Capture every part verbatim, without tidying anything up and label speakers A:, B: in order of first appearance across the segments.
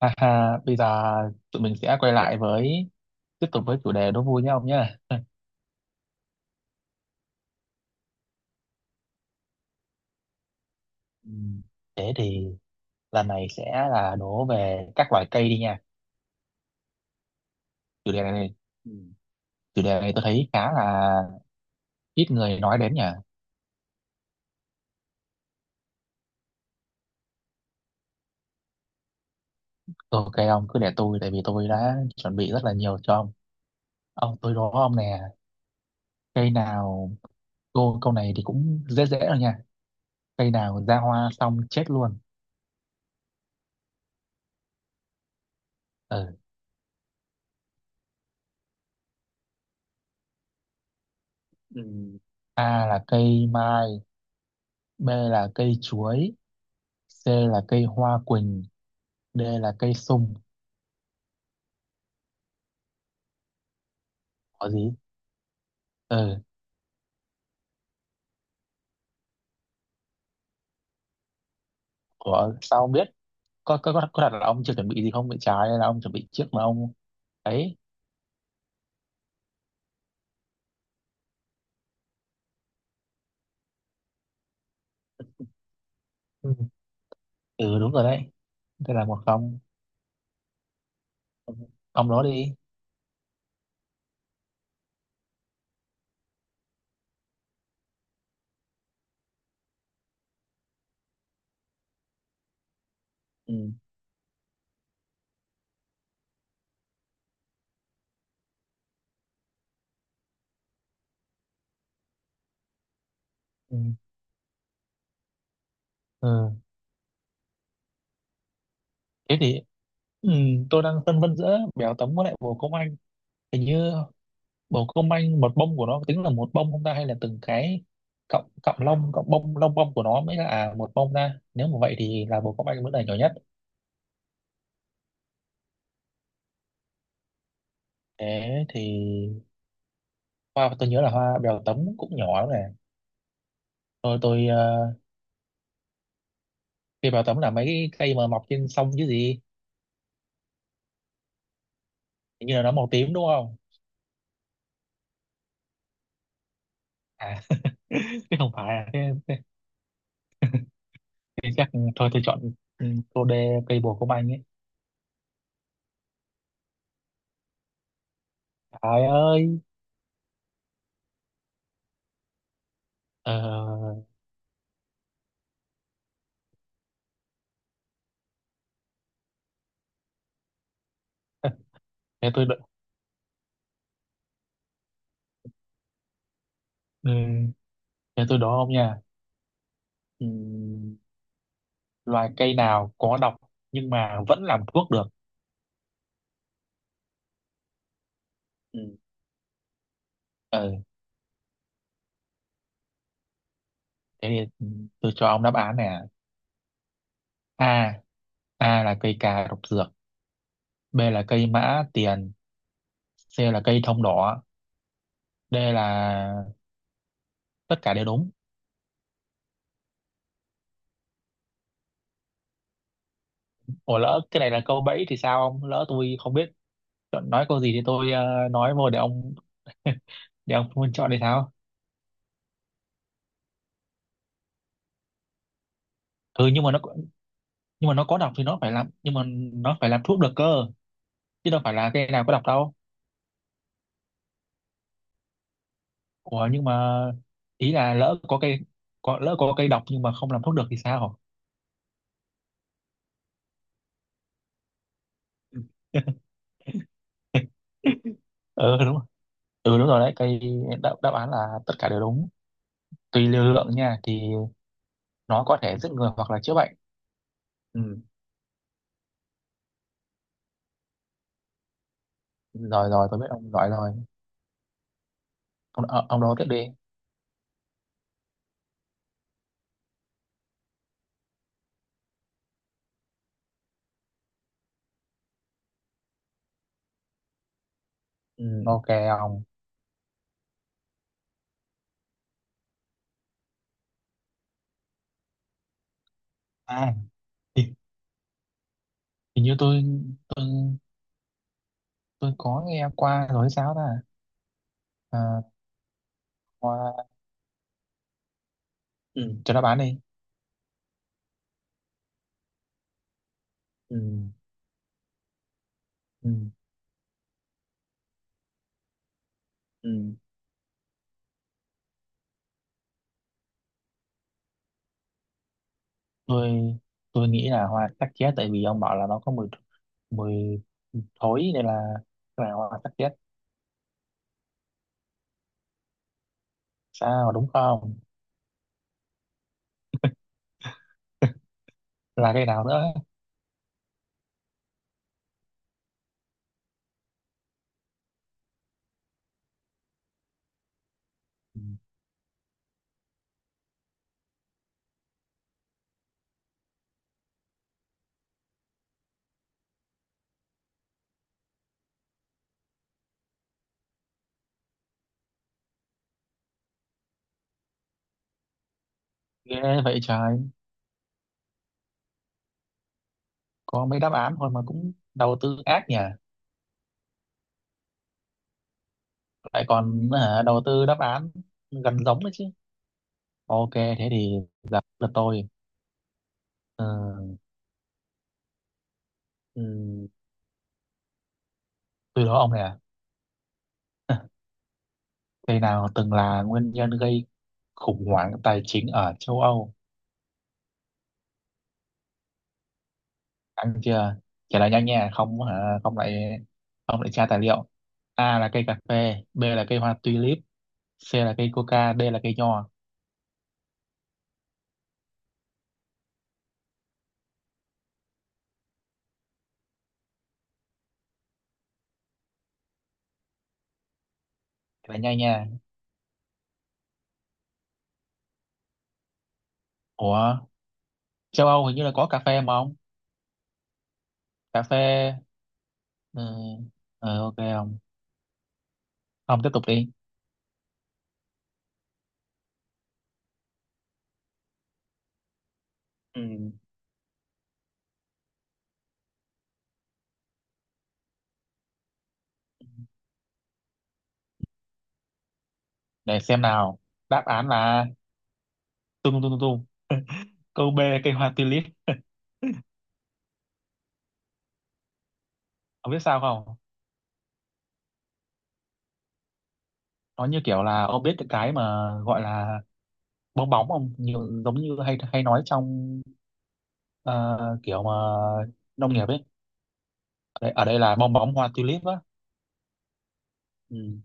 A: Ha ha, bây giờ tụi mình sẽ quay lại với tiếp tục với chủ đề đố vui nhá ông nhá. Ừ, thế thì lần này sẽ là đố về các loại cây đi nha. Chủ đề này Ừ. Chủ đề này tôi thấy khá là ít người nói đến nhỉ. Ok, ông cứ để tôi, tại vì tôi đã chuẩn bị rất là nhiều cho ông. Ông tôi đố ông nè, cây nào cô câu này thì cũng dễ dễ rồi nha. Cây nào ra hoa xong chết luôn. Ừ. Ừ. A là cây mai, B là cây chuối, C là cây hoa quỳnh, D là cây sung. Có gì, ừ, của sao ông biết, có có có, có đặt là ông chưa chuẩn bị gì không bị trái hay là ông chuẩn bị trước mà ông ấy. Ừ. Ừ đúng rồi đấy, đây là một không. Ông đó đi. Ừ. Ừ. Ừ, thế thì ừ, tôi đang phân vân giữa béo tấm với lại bồ công anh, hình như bồ công anh một bông của nó tính là một bông không ta, hay là từng cái cọng cọng lông cọng bông lông bông của nó mới là à, một bông ta, nếu mà vậy thì là bồ công anh vẫn là nhỏ nhất. Thế thì hoa tôi nhớ là hoa bèo tấm cũng nhỏ lắm nè. Tôi tôi ờ, cây bèo tấm là mấy cái cây mà mọc trên sông chứ gì. Hình như là nó màu tím đúng không? À, chứ không phải à. Thế, thế chắc thôi tôi chọn ừ, cô đê cây bồ công anh ấy. Trời ơi. Ờ, thế tôi đo- ừ, thế tôi đố ông nha. Ừ, loài cây nào có độc nhưng mà vẫn làm thuốc được? Ừ. Ừ, thế thì ừ, tôi cho ông đáp án nè. A. A là cây cà độc dược. B là cây mã tiền, C là cây thông đỏ, D là tất cả đều đúng. Ủa lỡ cái này là câu bẫy thì sao, ông lỡ tôi không biết chọn nói câu gì thì tôi ờ, nói vô để ông để ông Phương chọn thì sao. Ừ nhưng mà nó, nhưng mà nó có độc thì nó phải làm, nhưng mà nó phải làm thuốc được cơ, chứ đâu phải là cây nào có độc đâu. Ủa nhưng mà ý là lỡ có cây, có lỡ có cây độc nhưng mà không làm thuốc được thì sao. Ừ đúng, ừ đúng rồi đấy cây, đáp, đáp án là tất cả đều đúng, tùy liều lượng nha, thì nó có thể giết người hoặc là chữa bệnh. Ừ. Rồi rồi, tôi biết ông gọi rồi, ông ờ, ông đố tiếp đi. Ừ, ok ông. À thì, thì như tôi, tôi tôi có nghe qua rồi hay sao ta, à, hoa, ừ, cho nó bán đi. Ừ, ừ, ừ. tôi tôi nghĩ là hoa sắc chết tại vì ông bảo là nó có mùi, mùi thối nên là cái này hoa sắc chết. Sao đúng không là cái nào nữa. Ừ, ghê vậy trời, có mấy đáp án thôi mà cũng đầu tư ác nhỉ. Lại còn hả, đầu tư đáp án gần giống đấy chứ. Ok, thế thì gặp lượt tôi. Ờ, ừm, tôi đố ông này à. Cây nào từng là nguyên nhân gây khủng hoảng tài chính ở châu Âu? Ăn chưa? Trả lời nhanh nha, không hả? Không lại không lại tra tài liệu. A là cây cà phê, B là cây hoa tulip, C là cây coca, D là cây nho. Trả lời nhanh nha. Ủa, châu Âu hình như là có cà phê mà ông. Cà phê, ừ, ừ, ok không? Ông Ông tiếp tục đi. Ừ. Để xem nào. Đáp án là tung tung tung tung, câu B cây hoa tulip. Ông biết sao không, nó như kiểu là ông biết cái cái mà gọi là bong bóng không, nhiều giống như hay hay nói trong ờ, kiểu mà nông nghiệp ấy, ở đây, ở đây là bong bóng hoa tulip á. Ừ.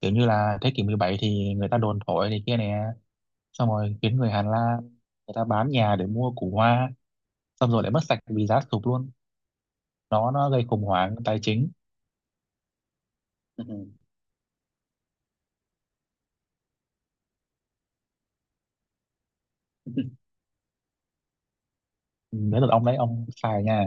A: Kiểu như là thế kỷ mười bảy thì người ta đồn thổi này kia nè, xong rồi khiến người Hà Lan, người ta bán nhà để mua củ hoa, xong rồi lại mất sạch vì giá sụt luôn, nó nó gây khủng hoảng tài chính. Ừ. Đến lượt ông đấy, ông xài nha.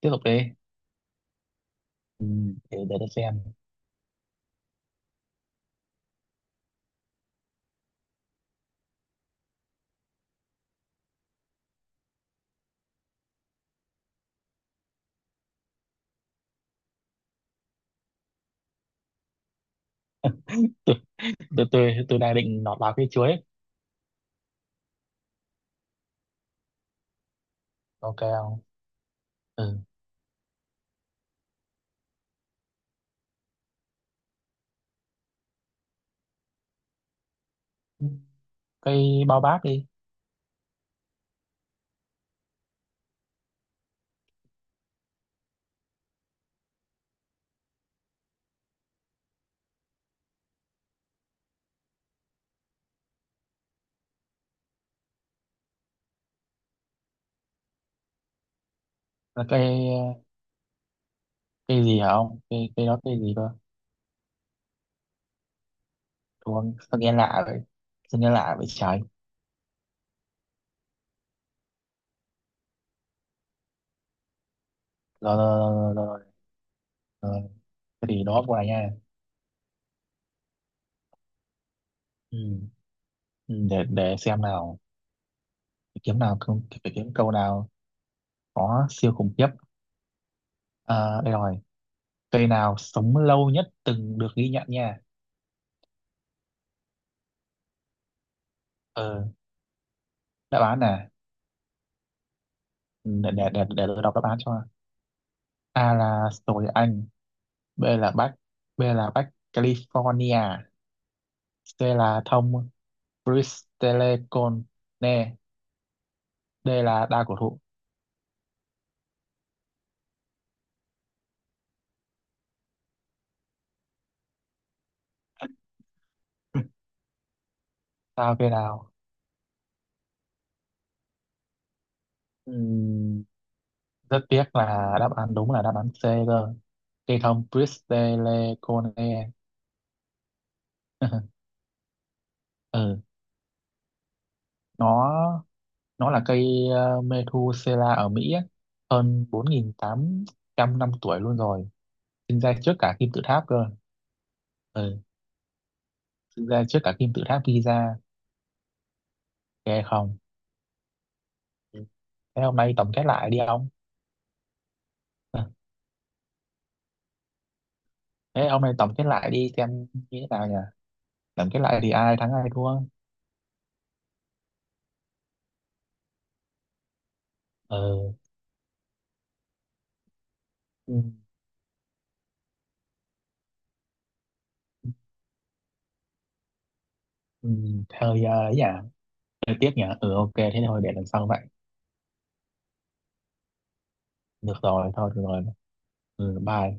A: Tiếp tục đi. Ừ. để để tôi xem. Tôi tôi tôi đang định nọt vào cây chuối ấy. Ok không. Ừ. Cây bao bác đi. Là cây, cây gì hả ông cây cây đó cây gì cơ. Đúng không? Sao nghe lạ vậy, sao nghe lạ vậy trời. Rồi rồi rồi rồi, rồi. Rồi. Thế thì đó qua nha. Ừ. Ừ, để để xem nào, phải kiếm nào không phải kiếm câu nào có siêu khủng khiếp, à, đây rồi. Cây nào sống lâu nhất từng được ghi nhận nha. Ờ. Đáp án nè. Ừ, để để để để tôi đọc đáp án cho. A là sồi Anh, B là Bắc B là Bắc California, C là thông Bristlecone, D là đa cổ thụ. Sao cây đào. Ừm, rất tiếc là đáp án đúng là đáp án C cơ, cây thông Bristlecone. Ừ, nó nó là cây uh, Methuselah ở Mỹ ấy, hơn bốn nghìn tám trăm năm tuổi luôn rồi, sinh ra trước cả kim tự tháp cơ. Ừ, sinh ra trước cả kim tự tháp Giza. Ghê không. Thế hôm nay tổng kết lại đi ông. Ờ, thế hôm nay tổng kết lại đi xem như thế nào nhỉ? Tổng kết lại thì ai thắng ai thua? Ờ, ừ, ừ, thôi ờ, ấy nhỉ, hơi tiếc nhỉ. Ừ ok, thế thôi để lần sau vậy. Được rồi, thôi được rồi. Ừ, bye.